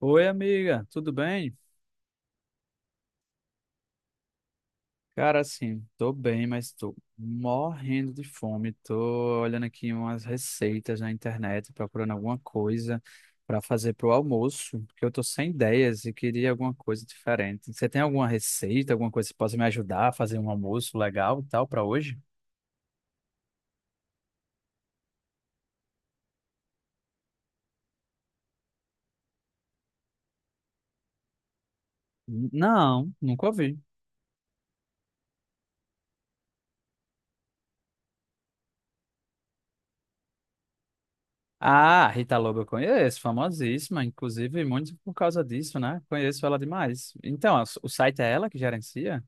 Oi, amiga, tudo bem? Cara, assim, tô bem, mas tô morrendo de fome. Tô olhando aqui umas receitas na internet, procurando alguma coisa para fazer pro almoço, porque eu tô sem ideias e queria alguma coisa diferente. Você tem alguma receita, alguma coisa que possa me ajudar a fazer um almoço legal e tal para hoje? Não, nunca ouvi. Ah, Rita Lobo eu conheço, famosíssima, inclusive muito por causa disso, né? Conheço ela demais. Então, o site é ela que gerencia?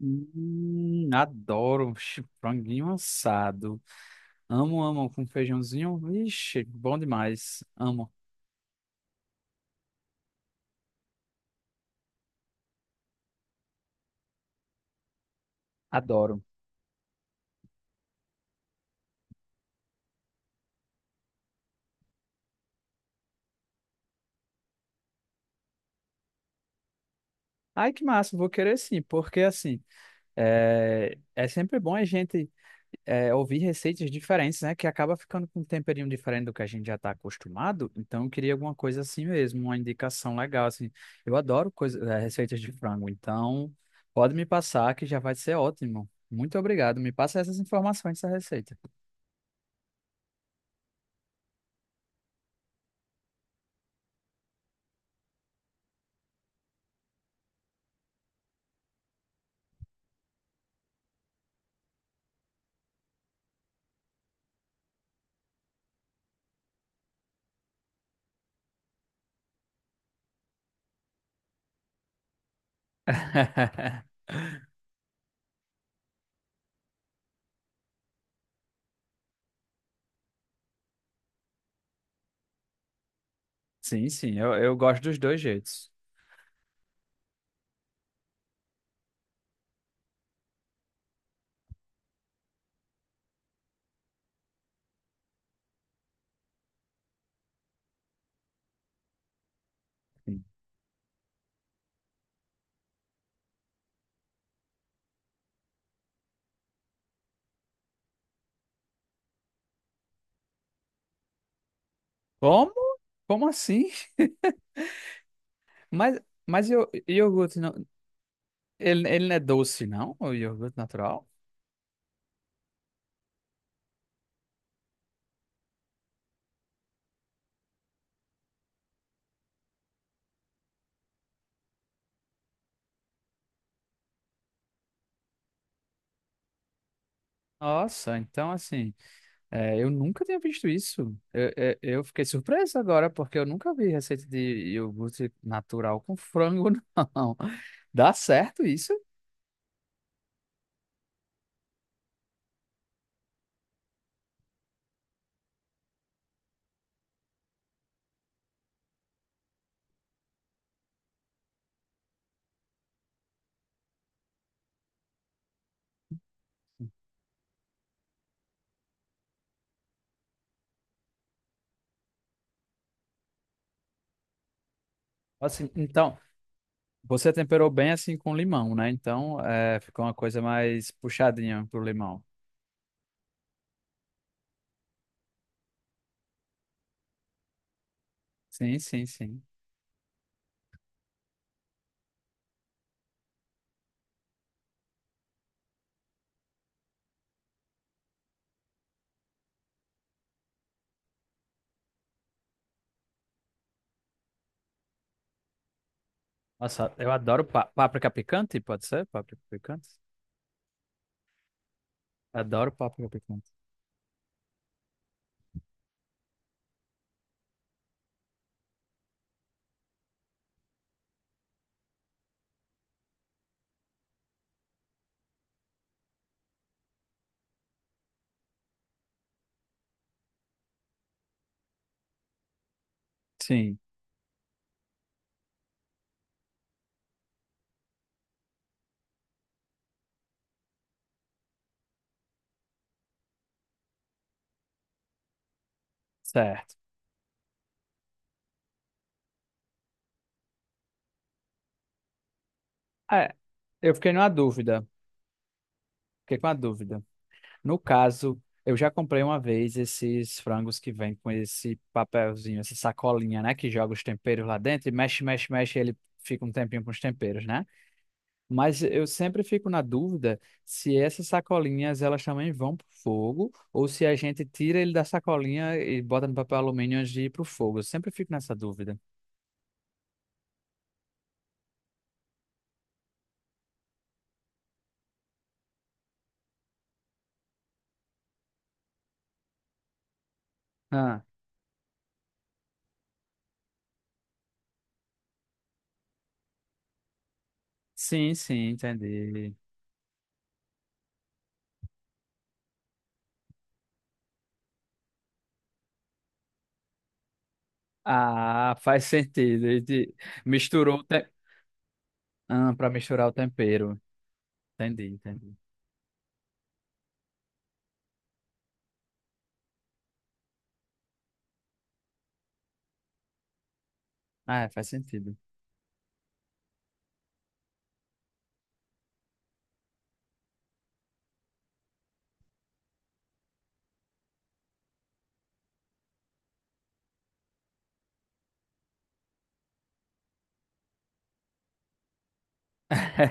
Adoro. Vixe, franguinho assado. Amo, amo com feijãozinho. Vixe, bom demais. Amo, adoro. Ai, que massa, vou querer sim, porque assim, é sempre bom a gente, é, ouvir receitas diferentes, né? Que acaba ficando com um temperinho diferente do que a gente já está acostumado. Então, eu queria alguma coisa assim mesmo, uma indicação legal, assim. Eu adoro coisa, é, receitas de frango, então pode me passar que já vai ser ótimo. Muito obrigado. Me passa essas informações dessa receita. Sim, sim, eu gosto dos dois jeitos. Sim. Como? Como assim? Mas, mas eu, iogurte não, ele não é doce, não? O iogurte natural? Nossa, então assim, é, eu nunca tinha visto isso. Eu fiquei surpreso agora, porque eu nunca vi receita de iogurte natural com frango, não. Dá certo isso? Assim, então, você temperou bem assim com limão, né? Então, é, ficou uma coisa mais puxadinha pro limão. Sim, sim, sim. Nossa, eu adoro páprica picante, pode ser? Páprica picante? Adoro páprica picante. Sim, certo. É, eu fiquei numa dúvida. Fiquei com uma dúvida. No caso, eu já comprei uma vez esses frangos que vem com esse papelzinho, essa sacolinha, né? Que joga os temperos lá dentro e mexe, mexe, mexe, e ele fica um tempinho com os temperos, né? Mas eu sempre fico na dúvida se essas sacolinhas elas também vão pro fogo ou se a gente tira ele da sacolinha e bota no papel alumínio antes de ir pro fogo. Eu sempre fico nessa dúvida. Ah, sim, sim, entendi. Ah, faz sentido. E de- Misturou o te... ah, para misturar o tempero. Entendi, entendi. Ah, é, faz sentido.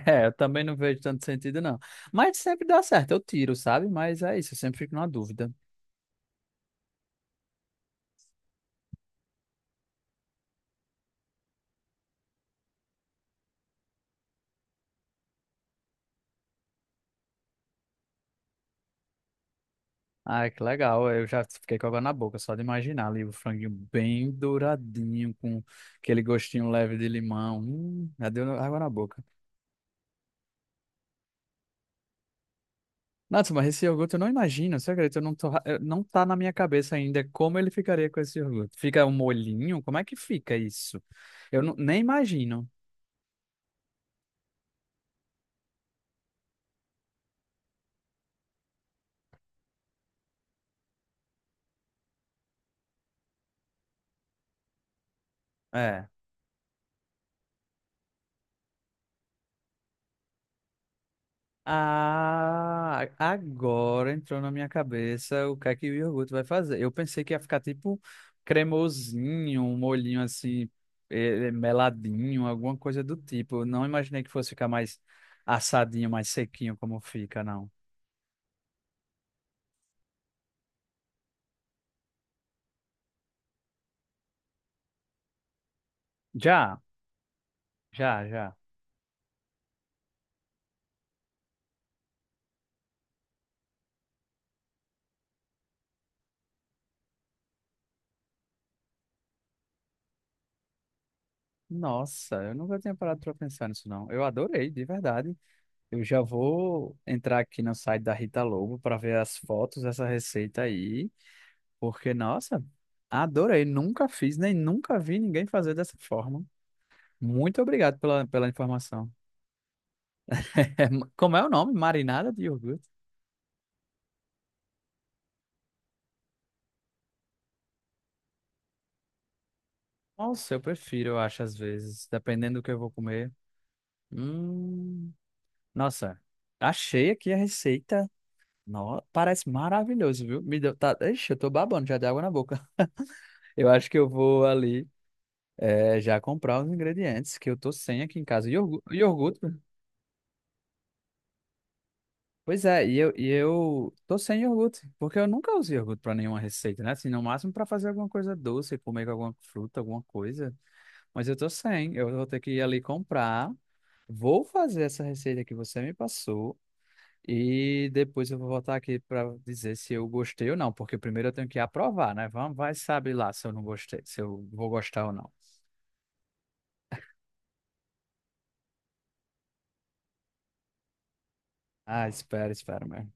É, eu também não vejo tanto sentido, não. Mas sempre dá certo, eu tiro, sabe? Mas é isso, eu sempre fico na dúvida. Ai, que legal. Eu já fiquei com água na boca, só de imaginar ali o franguinho bem douradinho, com aquele gostinho leve de limão. Já deu água na boca. Nossa, mas esse iogurte eu não imagino, você acredita? Eu não tô, eu- não tá na minha cabeça ainda como ele ficaria com esse iogurte. Fica um molhinho? Como é que fica isso? Eu não- nem imagino. É. Ah, agora entrou na minha cabeça o que é que o iogurte vai fazer. Eu pensei que ia ficar tipo cremosinho, um molhinho assim, meladinho, alguma coisa do tipo. Eu não imaginei que fosse ficar mais assadinho, mais sequinho como fica, não. Já, já, já. Nossa, eu nunca tinha parado para pensar nisso, não. Eu adorei, de verdade. Eu já vou entrar aqui no site da Rita Lobo para ver as fotos dessa receita aí. Porque, nossa, adorei. Nunca fiz, nem nunca vi ninguém fazer dessa forma. Muito obrigado pela, pela informação. É, ma- como é o nome? Marinada de iogurte? Nossa, eu prefiro, eu acho, às vezes, dependendo do que eu vou comer. Hum, nossa, achei aqui a receita. No, parece maravilhoso, viu? Me deu, tá, ixi, eu tô babando já de água na boca. Eu acho que eu vou ali, é, já comprar os ingredientes que eu tô sem aqui em casa. Iogurte, pois é, e eu tô sem iogurte, porque eu nunca usei iogurte pra nenhuma receita, né? Assim, no máximo pra fazer alguma coisa doce, comer com alguma fruta, alguma coisa. Mas eu tô sem, eu vou ter que ir ali comprar. Vou fazer essa receita que você me passou e depois eu vou voltar aqui pra dizer se eu gostei ou não, porque primeiro eu tenho que aprovar, né? Vamos, vai saber lá se eu não gostei, se eu vou gostar ou não. Ah, espera, espera mesmo.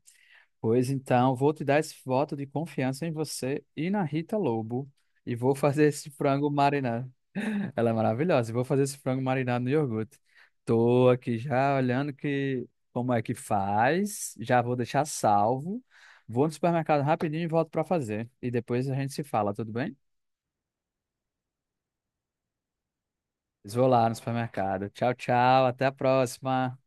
Pois então, vou te dar esse voto de confiança em você e na Rita Lobo. E vou fazer esse frango marinado. Ela é maravilhosa. E vou fazer esse frango marinado no iogurte. Tô aqui já olhando que como é que faz. Já vou deixar salvo. Vou no supermercado rapidinho e volto para fazer. E depois a gente se fala, tudo bem? Vou lá no supermercado. Tchau, tchau. Até a próxima.